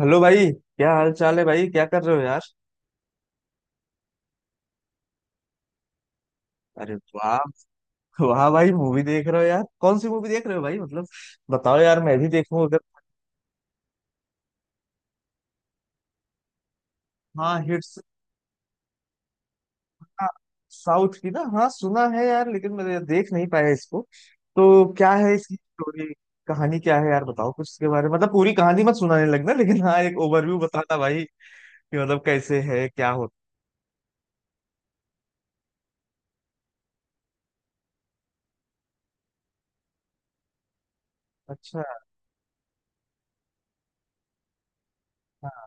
Hello भाई, क्या हाल चाल है भाई? क्या कर रहे हो यार? अरे वाह। वाह भाई, मूवी देख रहे हो यार? कौन सी मूवी देख रहे हो भाई? मतलब बताओ यार, मैं भी देखूं अगर। हाँ, हिट्स। साउथ की ना, हाँ सुना है यार, लेकिन मैं देख नहीं पाया इसको। तो क्या है इसकी स्टोरी? कहानी क्या है यार? बताओ कुछ इसके बारे में, मतलब पूरी कहानी मत सुनाने लगना, लेकिन हाँ एक ओवरव्यू बताना भाई। कि मतलब कैसे है, क्या होता। अच्छा। हाँ,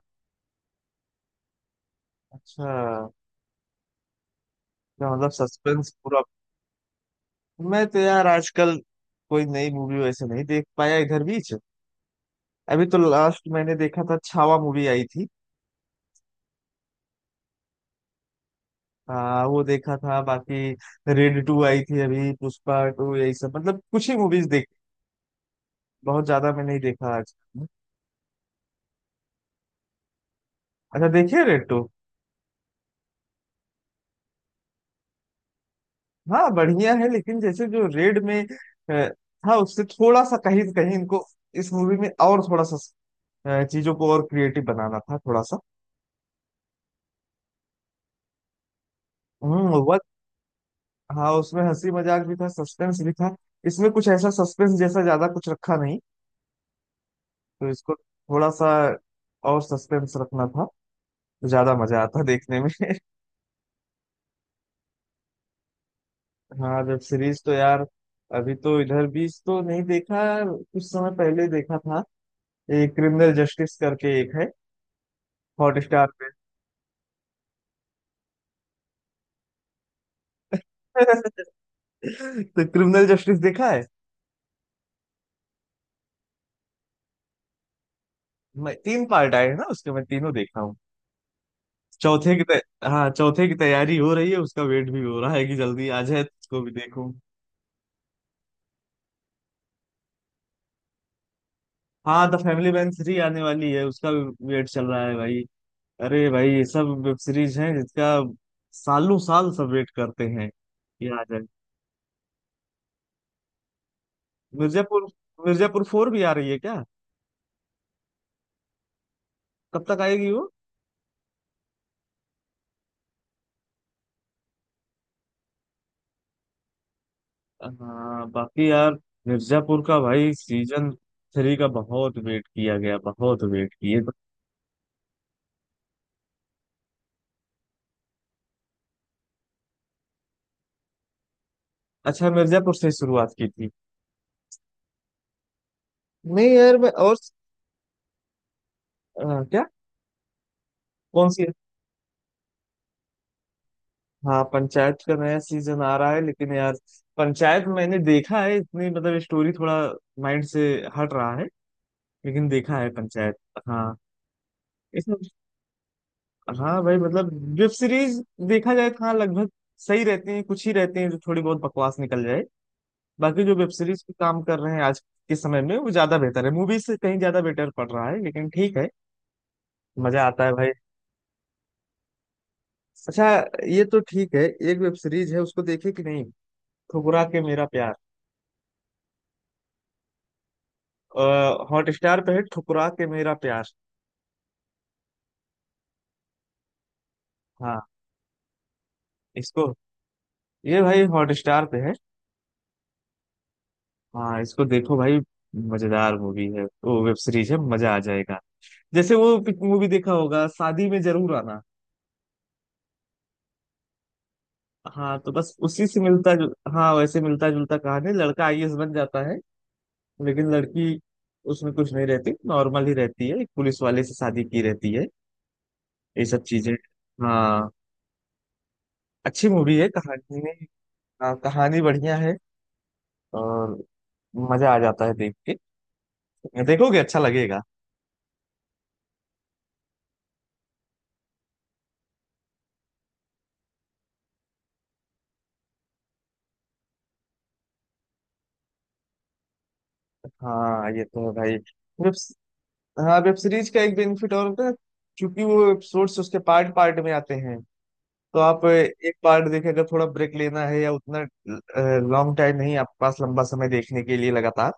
अच्छा। तो मतलब सस्पेंस पूरा। मैं तो यार आजकल कोई नई मूवी वैसे नहीं देख पाया इधर भी। अभी तो लास्ट मैंने देखा था, छावा मूवी आई थी। वो देखा था। बाकी रेड टू आई थी अभी, पुष्पा टू, यही सब। मतलब कुछ ही मूवीज देख, बहुत ज्यादा मैं नहीं देखा आज। अच्छा, देखिए रेड टू। हाँ बढ़िया है, लेकिन जैसे जो रेड में अ, था, उससे थोड़ा सा कहीं कहीं इनको इस मूवी में और थोड़ा सा चीजों को और क्रिएटिव बनाना था, थोड़ा सा। वह। हाँ उसमें हंसी मजाक भी था, सस्पेंस भी था। इसमें कुछ ऐसा सस्पेंस जैसा ज्यादा कुछ रखा नहीं। तो इसको थोड़ा सा और सस्पेंस रखना था, तो ज्यादा मजा आता देखने में। हाँ, वेब सीरीज तो यार अभी तो इधर भी तो नहीं देखा, कुछ समय पहले देखा था। एक क्रिमिनल जस्टिस करके एक है, हॉटस्टार पे। तो क्रिमिनल जस्टिस देखा है। मैं तीन पार्ट आए हैं ना उसके, मैं तीनों देखा हूँ। चौथे की तै... हाँ चौथे की तैयारी हो रही है, उसका वेट भी हो रहा है कि जल्दी आ जाए तो उसको भी देखूं। हाँ द फैमिली मैन थ्री आने वाली है, उसका भी वेट चल रहा है भाई। अरे भाई, ये सब वेब सीरीज है जिसका सालों साल सब वेट करते हैं। ये आ जाए। मिर्जापुर। मिर्जापुर फोर भी आ रही है क्या? कब तक आएगी वो? हाँ बाकी यार, मिर्जापुर का भाई सीजन थ्री का बहुत वेट किया गया, बहुत वेट किए। अच्छा, मिर्जापुर से शुरुआत की थी। नहीं यार, मैं और क्या? कौन सी? हाँ पंचायत का नया सीजन आ रहा है, लेकिन यार पंचायत मैंने देखा है, इतनी मतलब स्टोरी थोड़ा माइंड से हट रहा है, लेकिन देखा है पंचायत। हाँ। इसमें। हाँ भाई, मतलब वेब सीरीज देखा जाए तो हाँ लगभग सही रहते हैं, कुछ ही रहते हैं जो थोड़ी बहुत बकवास निकल जाए। बाकी जो वेब सीरीज पे काम कर रहे हैं आज के समय में वो ज्यादा बेहतर है, मूवी से कहीं ज्यादा बेटर पड़ रहा है, लेकिन ठीक है, मजा आता है भाई। अच्छा ये तो ठीक है। एक वेब सीरीज है, उसको देखे कि नहीं? ठुकरा के मेरा प्यार। हॉट स्टार पे है, ठुकरा के मेरा प्यार। हाँ इसको। ये भाई हॉट स्टार पे है। हाँ इसको देखो भाई, मजेदार मूवी है, वो वेब सीरीज है, मजा आ जाएगा। जैसे वो मूवी देखा होगा, शादी में जरूर आना। हाँ तो बस उसी से हाँ वैसे मिलता जुलता कहानी। लड़का आईएएस बन जाता है, लेकिन लड़की उसमें कुछ नहीं रहती, नॉर्मल ही रहती है, एक पुलिस वाले से शादी की रहती है। ये सब चीजें। हाँ। अच्छी मूवी है कहानी। हाँ, कहानी बढ़िया है, और मजा आ जाता है देख के, देखोगे अच्छा लगेगा। हाँ ये तो है भाई। वेब हाँ, वेब सीरीज का एक बेनिफिट और होता है, क्योंकि वो एपिसोड्स उसके पार्ट पार्ट में आते हैं, तो आप एक पार्ट देखें। अगर थोड़ा ब्रेक लेना है, या उतना लॉन्ग टाइम नहीं आपके पास, लंबा समय देखने के लिए लगातार,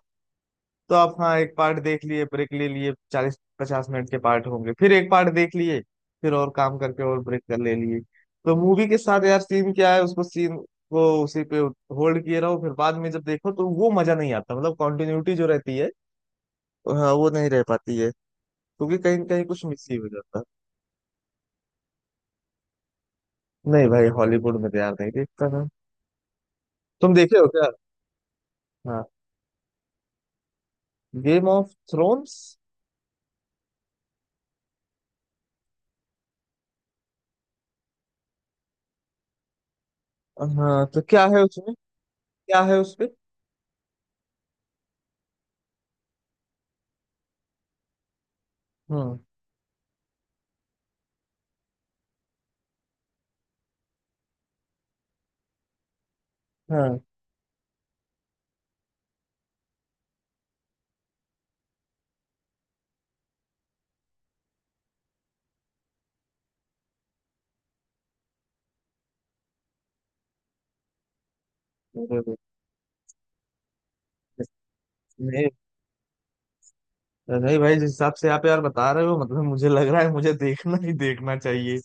तो आप हाँ एक पार्ट देख लिए, ब्रेक ले लिए, 40-50 मिनट के पार्ट होंगे, फिर एक पार्ट देख लिए, फिर और काम करके और ब्रेक कर ले लिए। तो मूवी के साथ यार सीन क्या है, उसको सीन को उसी पे होल्ड किए रहो, फिर बाद में जब देखो तो वो मजा नहीं आता, मतलब कंटिन्यूटी जो रहती है, तो हाँ, वो नहीं रह पाती है, क्योंकि कहीं कहीं कुछ मिस ही हो जाता है। नहीं भाई, हॉलीवुड में तो यार नहीं देखता ना। तुम देखे हो क्या? Game of Thrones. हाँ तो क्या है उसमें? क्या है उसपे? हम्म। हाँ। अरे भाई, नहीं नहीं भाई, जिस हिसाब से आप यार बता रहे हो, मतलब मुझे लग रहा है मुझे देखना ही देखना चाहिए,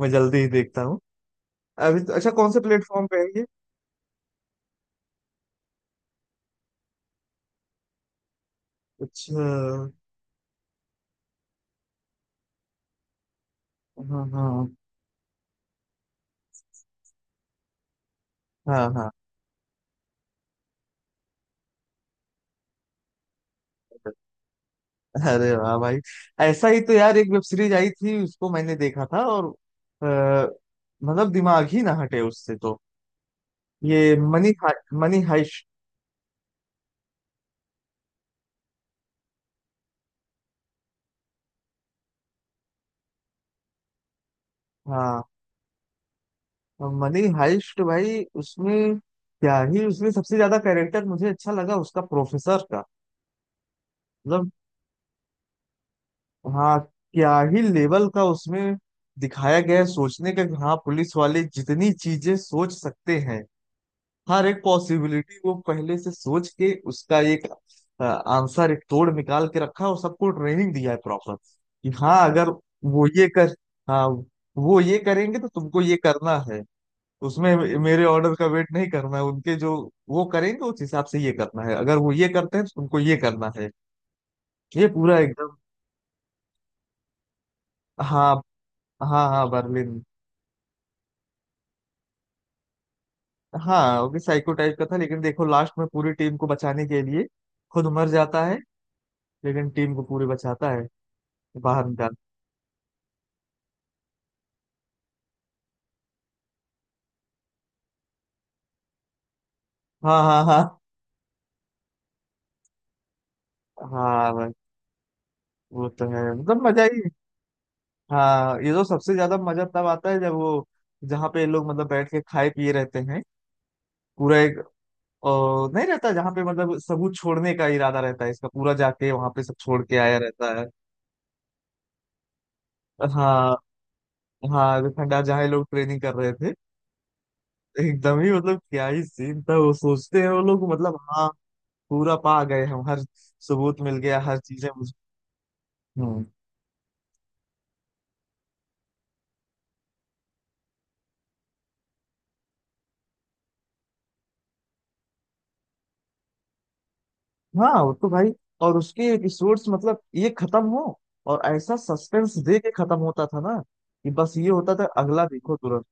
मैं जल्दी ही देखता हूँ। अभी तो अच्छा, कौन से प्लेटफॉर्म पे है ये? अच्छा। हाँ हाँ। हाँ हाँ। अरे वाह भाई, ऐसा ही तो यार एक वेब सीरीज आई थी, उसको मैंने देखा था, और अ, मतलब दिमाग ही ना हटे उससे तो। ये मनी मनी हाइस्ट। हाँ मनी हाइस्ट भाई, उसमें क्या ही उसमें सबसे ज्यादा कैरेक्टर मुझे अच्छा लगा उसका, प्रोफेसर का। मतलब हाँ, क्या ही लेवल का उसमें दिखाया गया है सोचने का, कि हाँ पुलिस वाले जितनी चीजें सोच सकते हैं, हर एक पॉसिबिलिटी वो पहले से सोच के उसका एक आंसर, एक तोड़ निकाल के रखा, और सबको ट्रेनिंग दिया है प्रॉपर, कि हाँ अगर वो ये कर, हाँ वो ये करेंगे तो तुमको ये करना है। उसमें मेरे ऑर्डर का वेट नहीं करना है, उनके जो वो करेंगे उस हिसाब से ये करना है, अगर वो ये करते हैं तो उनको ये करना है। ये पूरा एकदम। हाँ हाँ हाँ बर्लिन। हाँ वो भी साइको टाइप का था, लेकिन देखो लास्ट में पूरी टीम को बचाने के लिए खुद मर जाता है, लेकिन टीम को पूरी बचाता है। बाहर निकाल। हाँ हाँ हाँ। हाँ भाई वो तो है, मतलब मजा ही। हाँ ये तो सबसे ज्यादा मजा तब आता है जब वो जहाँ पे ये लोग मतलब बैठ के खाए पिए रहते हैं पूरा एक, और नहीं रहता जहाँ पे मतलब सबूत छोड़ने का इरादा रहता है इसका, पूरा जाके वहां पे सब छोड़ के आया रहता है। हाँ हाँ, जो खंडार जहाँ ये लोग ट्रेनिंग कर रहे थे एकदम ही मतलब क्या ही सीन था। वो सोचते हैं वो लोग मतलब हाँ पूरा पा गए हम, हर सबूत मिल गया, हर चीजें मुझे। हम्म। हाँ वो तो भाई, और उसके एपिसोड्स मतलब ये खत्म हो, और ऐसा सस्पेंस दे के खत्म होता था ना, कि बस ये होता था अगला देखो तुरंत।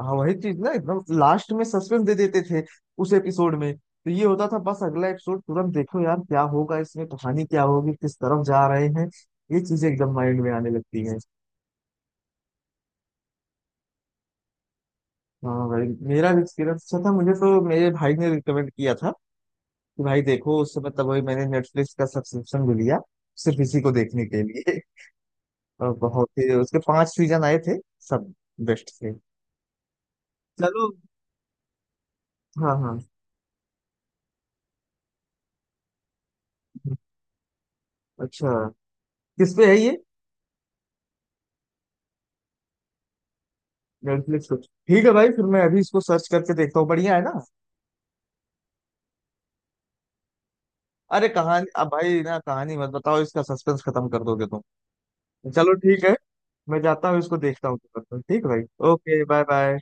हाँ वही चीज ना, एकदम लास्ट में सस्पेंस दे देते थे उस एपिसोड में, तो ये होता था बस अगला एपिसोड तुरंत देखो यार क्या होगा इसमें, कहानी क्या होगी, किस तरफ जा रहे हैं, ये चीजें एकदम माइंड में आने लगती हैं। हाँ भाई, मेरा भी एक्सपीरियंस अच्छा था, मुझे तो मेरे भाई ने रिकमेंड किया था कि भाई देखो, उस समय तब वही मैंने नेटफ्लिक्स का सब्सक्रिप्शन भी लिया सिर्फ इसी को देखने के लिए। और बहुत ही उसके पांच सीजन आए थे, सब बेस्ट थे। चलो। हाँ हाँ। अच्छा किस पे है ये? नेटफ्लिक्स पे ठीक है भाई, फिर मैं अभी इसको सर्च करके देखता हूँ, बढ़िया है ना? अरे कहानी अब भाई ना, कहानी मत बताओ, इसका सस्पेंस खत्म कर दोगे तुम। चलो ठीक है, मैं जाता हूँ इसको देखता हूँ। ठीक है भाई, ओके बाय बाय।